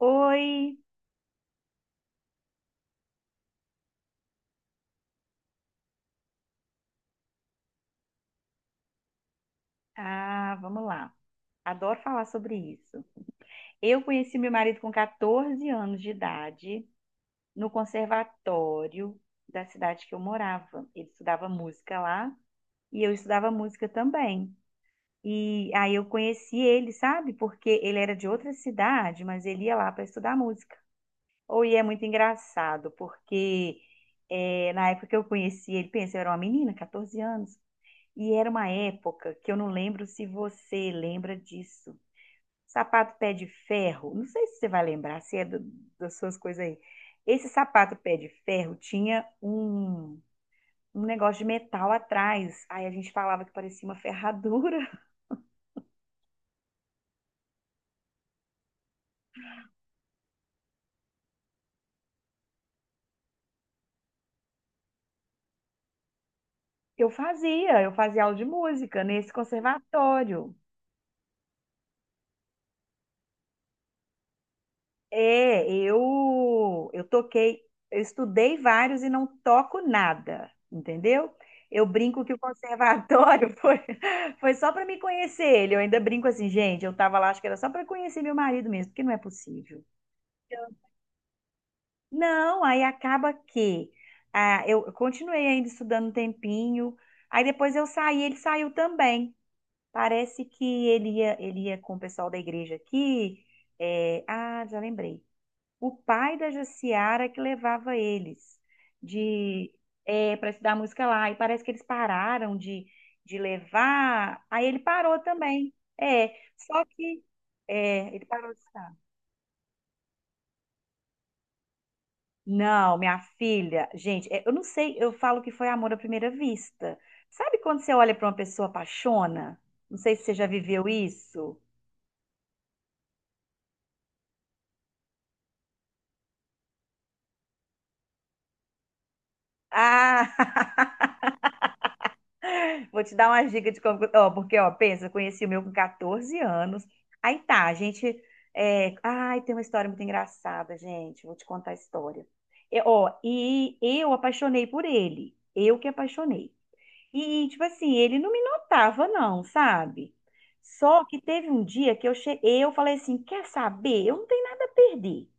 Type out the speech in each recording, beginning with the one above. Oi! Ah, vamos lá. Adoro falar sobre isso. Eu conheci meu marido com 14 anos de idade, no conservatório da cidade que eu morava. Ele estudava música lá e eu estudava música também. E aí eu conheci ele, sabe? Porque ele era de outra cidade, mas ele ia lá para estudar música. Ou e é muito engraçado, porque na época que eu conheci ele, pensa, eu era uma menina, 14 anos. E era uma época que eu não lembro se você lembra disso. Sapato pé de ferro, não sei se você vai lembrar, se é do- das suas coisas aí. Esse sapato pé de ferro tinha um negócio de metal atrás. Aí a gente falava que parecia uma ferradura. Eu fazia aula de música nesse conservatório. É, eu toquei, eu estudei vários e não toco nada, entendeu? Eu brinco que o conservatório foi só para me conhecer ele. Eu ainda brinco assim, gente, eu tava lá, acho que era só para conhecer meu marido mesmo, porque não é possível. Não, aí acaba que ah, eu continuei ainda estudando um tempinho, aí depois eu saí, ele saiu também. Parece que ele ia com o pessoal da igreja aqui. É, ah, já lembrei o pai da Jaciara que levava eles de é, para estudar música lá. E parece que eles pararam de levar. Aí ele parou também. É, só que é, ele parou de estudar. Não, minha filha, gente, é, eu não sei, eu falo que foi amor à primeira vista. Sabe quando você olha para uma pessoa apaixona? Não sei se você já viveu isso. Ah, vou te dar uma dica de como. Ó, porque, ó, pensa, eu conheci o meu com 14 anos. Aí tá, a gente. É, ai, tem uma história muito engraçada, gente. Vou te contar a história. E, ó, e eu apaixonei por ele. Eu que apaixonei. E, tipo assim, ele não me notava, não, sabe? Só que teve um dia que eu cheguei, eu falei assim: quer saber? Eu não tenho nada a perder.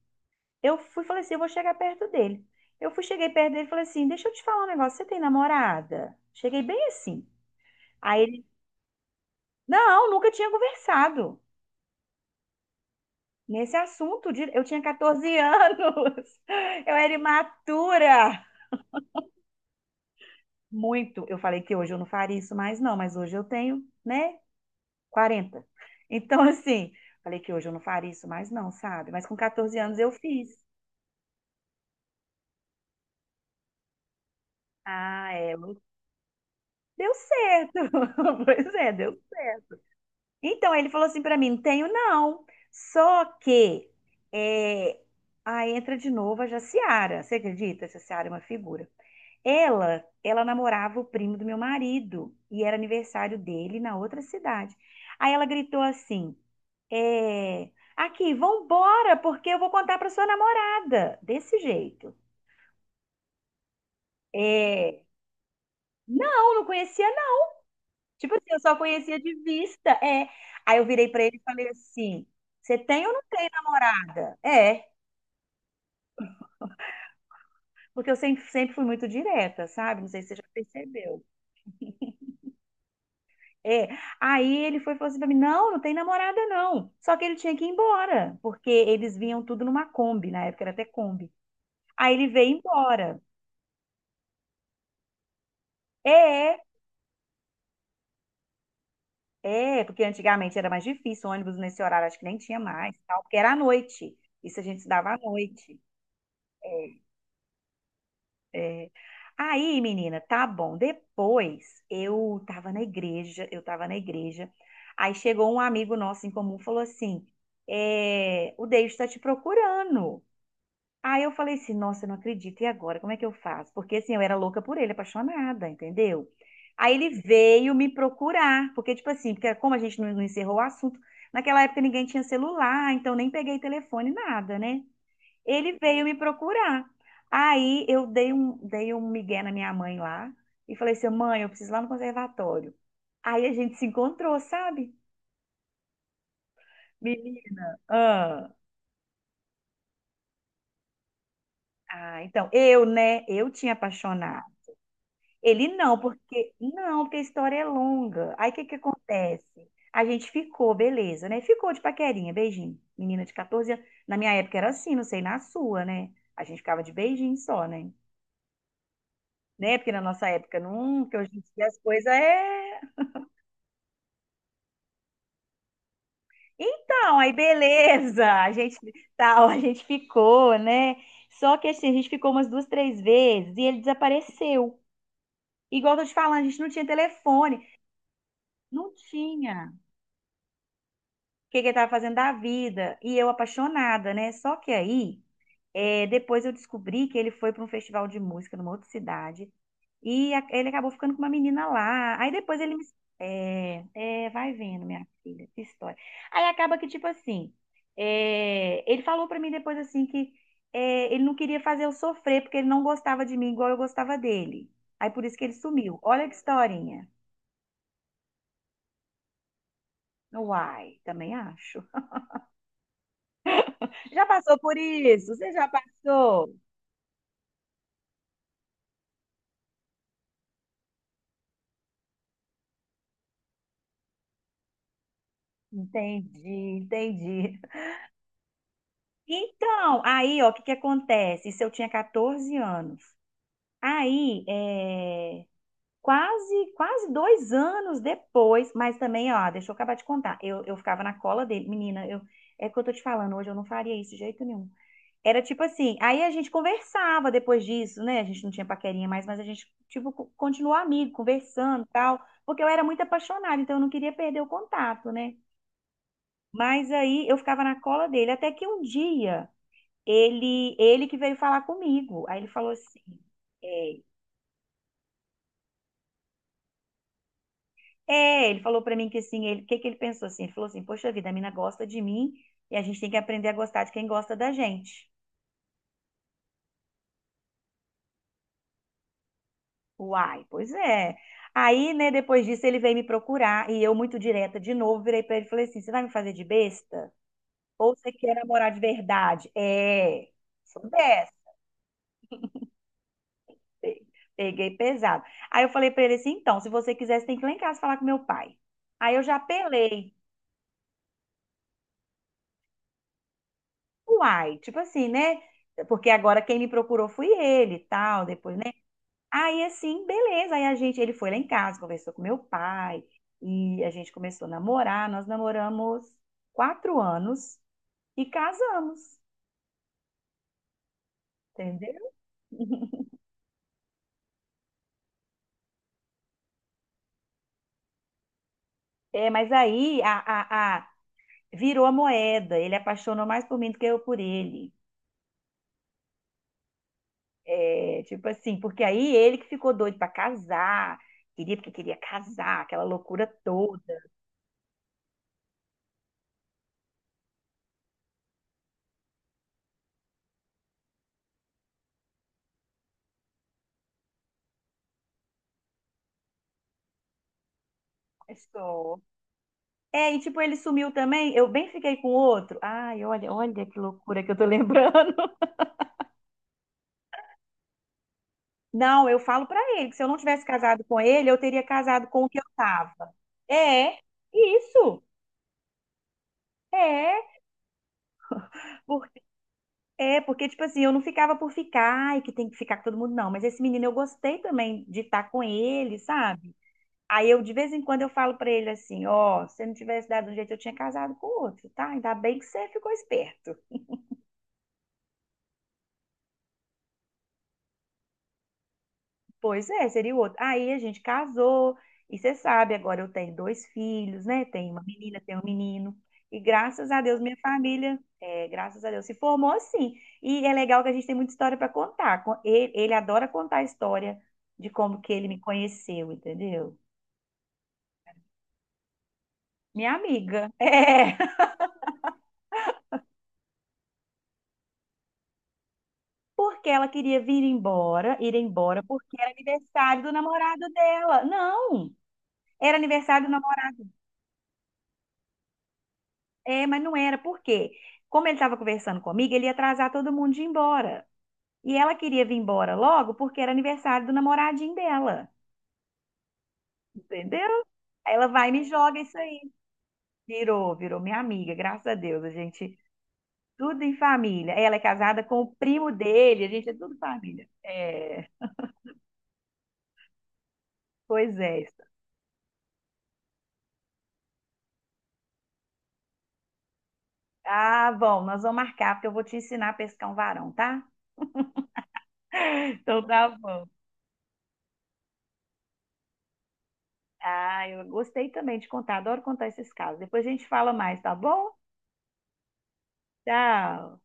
Eu fui, falei assim: eu vou chegar perto dele. Eu fui, cheguei perto dele e falei assim: deixa eu te falar um negócio, você tem namorada? Cheguei bem assim. Aí não, nunca tinha conversado nesse assunto. Eu tinha 14 anos, eu era imatura. Muito. Eu falei que hoje eu não faria isso mais, não, mas hoje eu tenho, né, 40. Então, assim, falei que hoje eu não faria isso mais, não, sabe? Mas com 14 anos eu fiz. Ah, é, deu certo. Pois é, deu certo. Então, ele falou assim pra mim: não tenho, não. Só que. É... Aí entra de novo a Jaciara. Você acredita? A Jaciara é uma figura. Ela namorava o primo do meu marido e era aniversário dele na outra cidade. Aí ela gritou assim: é, aqui, vambora, porque eu vou contar para sua namorada. Desse jeito. É, não, não conhecia, não. Tipo assim, eu só conhecia de vista. É. Aí eu virei para ele e falei assim: você tem ou não tem namorada? É, porque eu sempre, sempre fui muito direta, sabe? Não sei se você já percebeu. É, aí ele foi e falou assim pra mim, não, não tem namorada não. Só que ele tinha que ir embora, porque eles vinham tudo numa Kombi, na época era até Kombi. Aí ele veio embora. É, é, porque antigamente era mais difícil, ônibus nesse horário acho que nem tinha mais, tal, porque era à noite. Isso a gente se dava à noite. É. Aí, menina, tá bom. Depois eu tava na igreja. Aí chegou um amigo nosso em comum, e falou assim: é, o Deus está te procurando. Aí eu falei assim, nossa, eu não acredito, e agora? Como é que eu faço? Porque assim, eu era louca por ele, apaixonada, entendeu? Aí ele veio me procurar, porque tipo assim, porque como a gente não encerrou o assunto, naquela época ninguém tinha celular, então nem peguei telefone, nada, né? Ele veio me procurar. Aí eu dei dei um migué na minha mãe lá e falei assim, mãe, eu preciso ir lá no conservatório. Aí a gente se encontrou, sabe? Menina, ah, ah, então, eu, né, eu tinha apaixonado. Ele não, porque não, porque a história é longa. Aí o que que acontece? A gente ficou, beleza, né? Ficou de paquerinha, beijinho. Menina de 14 anos. Na minha época era assim, não sei na sua, né? A gente ficava de beijinho só, né? Né? Porque na nossa época não, porque hoje em dia as coisas é. Então, aí beleza, a gente ficou, né? Só que assim, a gente ficou umas duas, três vezes e ele desapareceu. Igual eu tô te falando, a gente não tinha telefone. Não tinha. Que ele estava fazendo da vida. E eu apaixonada, né? Só que aí, é, depois eu descobri que ele foi para um festival de música numa outra cidade. Ele acabou ficando com uma menina lá. Aí depois ele me. É, é, vai vendo, minha filha, que história. Aí acaba que, tipo assim, é, ele falou pra mim depois assim que é, ele não queria fazer eu sofrer, porque ele não gostava de mim igual eu gostava dele. Aí por isso que ele sumiu. Olha que historinha. Uai, também acho. Já passou por isso? Você já passou? Entendi, entendi. Então, aí, ó, o que que acontece? Isso eu tinha 14 anos. Aí, é, quase, quase 2 anos depois, mas também, ó, deixa eu acabar de contar. Eu ficava na cola dele. Menina, eu, é o que eu tô te falando, hoje eu não faria isso de jeito nenhum. Era tipo assim, aí a gente conversava depois disso, né? A gente não tinha paquerinha mais, mas a gente, tipo, continuou amigo, conversando e tal, porque eu era muito apaixonada, então eu não queria perder o contato, né? Mas aí eu ficava na cola dele, até que um dia ele que veio falar comigo. Aí ele falou assim, é, é, ele falou pra mim que assim, ele, o que que ele pensou assim? Ele falou assim, poxa vida, a mina gosta de mim e a gente tem que aprender a gostar de quem gosta da gente. Uai, pois é. Aí, né, depois disso ele veio me procurar e eu muito direta de novo, virei pra ele e falei assim, você vai me fazer de besta? Ou você quer namorar de verdade? É, sou dessa. Pe- Peguei pesado. Aí eu falei pra ele assim, então, se você quiser, você tem que ir lá em casa falar com meu pai. Aí eu já apelei. Uai, tipo assim, né? Porque agora quem me procurou foi ele e tal, depois, né? Aí assim, beleza. Aí a gente, ele foi lá em casa, conversou com meu pai e a gente começou a namorar. Nós namoramos 4 anos e casamos, entendeu? É, mas aí virou a moeda. Ele apaixonou mais por mim do que eu por ele. É, tipo assim, porque aí ele que ficou doido pra casar, queria porque queria casar, aquela loucura toda. É só. É, e tipo, ele sumiu também, eu bem fiquei com o outro. Ai, olha, olha que loucura que eu tô lembrando. Não, eu falo pra ele que se eu não tivesse casado com ele, eu teria casado com o que eu tava. É, isso. É, porque, é, porque, tipo assim, eu não ficava por ficar e que tem que ficar com todo mundo, não. Mas esse menino eu gostei também de estar com ele, sabe? Aí eu, de vez em quando, eu falo pra ele assim, ó, se você não tivesse dado um jeito, eu tinha casado com o outro, tá? Ainda bem que você ficou esperto. Pois é, seria o outro. Aí a gente casou, e você sabe, agora eu tenho dois filhos, né? Tenho uma menina, tenho um menino. E graças a Deus, minha família, é, graças a Deus, se formou assim. E é legal que a gente tem muita história pra contar. Ele, ele adora contar a história de como que ele me conheceu, entendeu? Minha amiga. É. Porque ela queria ir embora, porque era aniversário do namorado dela. Não, era aniversário do namorado. É, mas não era. Por quê? Como ele estava conversando comigo, ele ia atrasar todo mundo de ir embora. E ela queria vir embora logo porque era aniversário do namoradinho dela. Entendeu? Aí ela vai e me joga isso aí. Virou minha amiga, graças a Deus. A gente, tudo em família. Ela é casada com o primo dele, a gente é tudo família. É, pois é. Ah, bom, nós vamos marcar, porque eu vou te ensinar a pescar um varão, tá? Então tá bom. Ah, eu gostei também de contar, adoro contar esses casos. Depois a gente fala mais, tá bom? Tchau.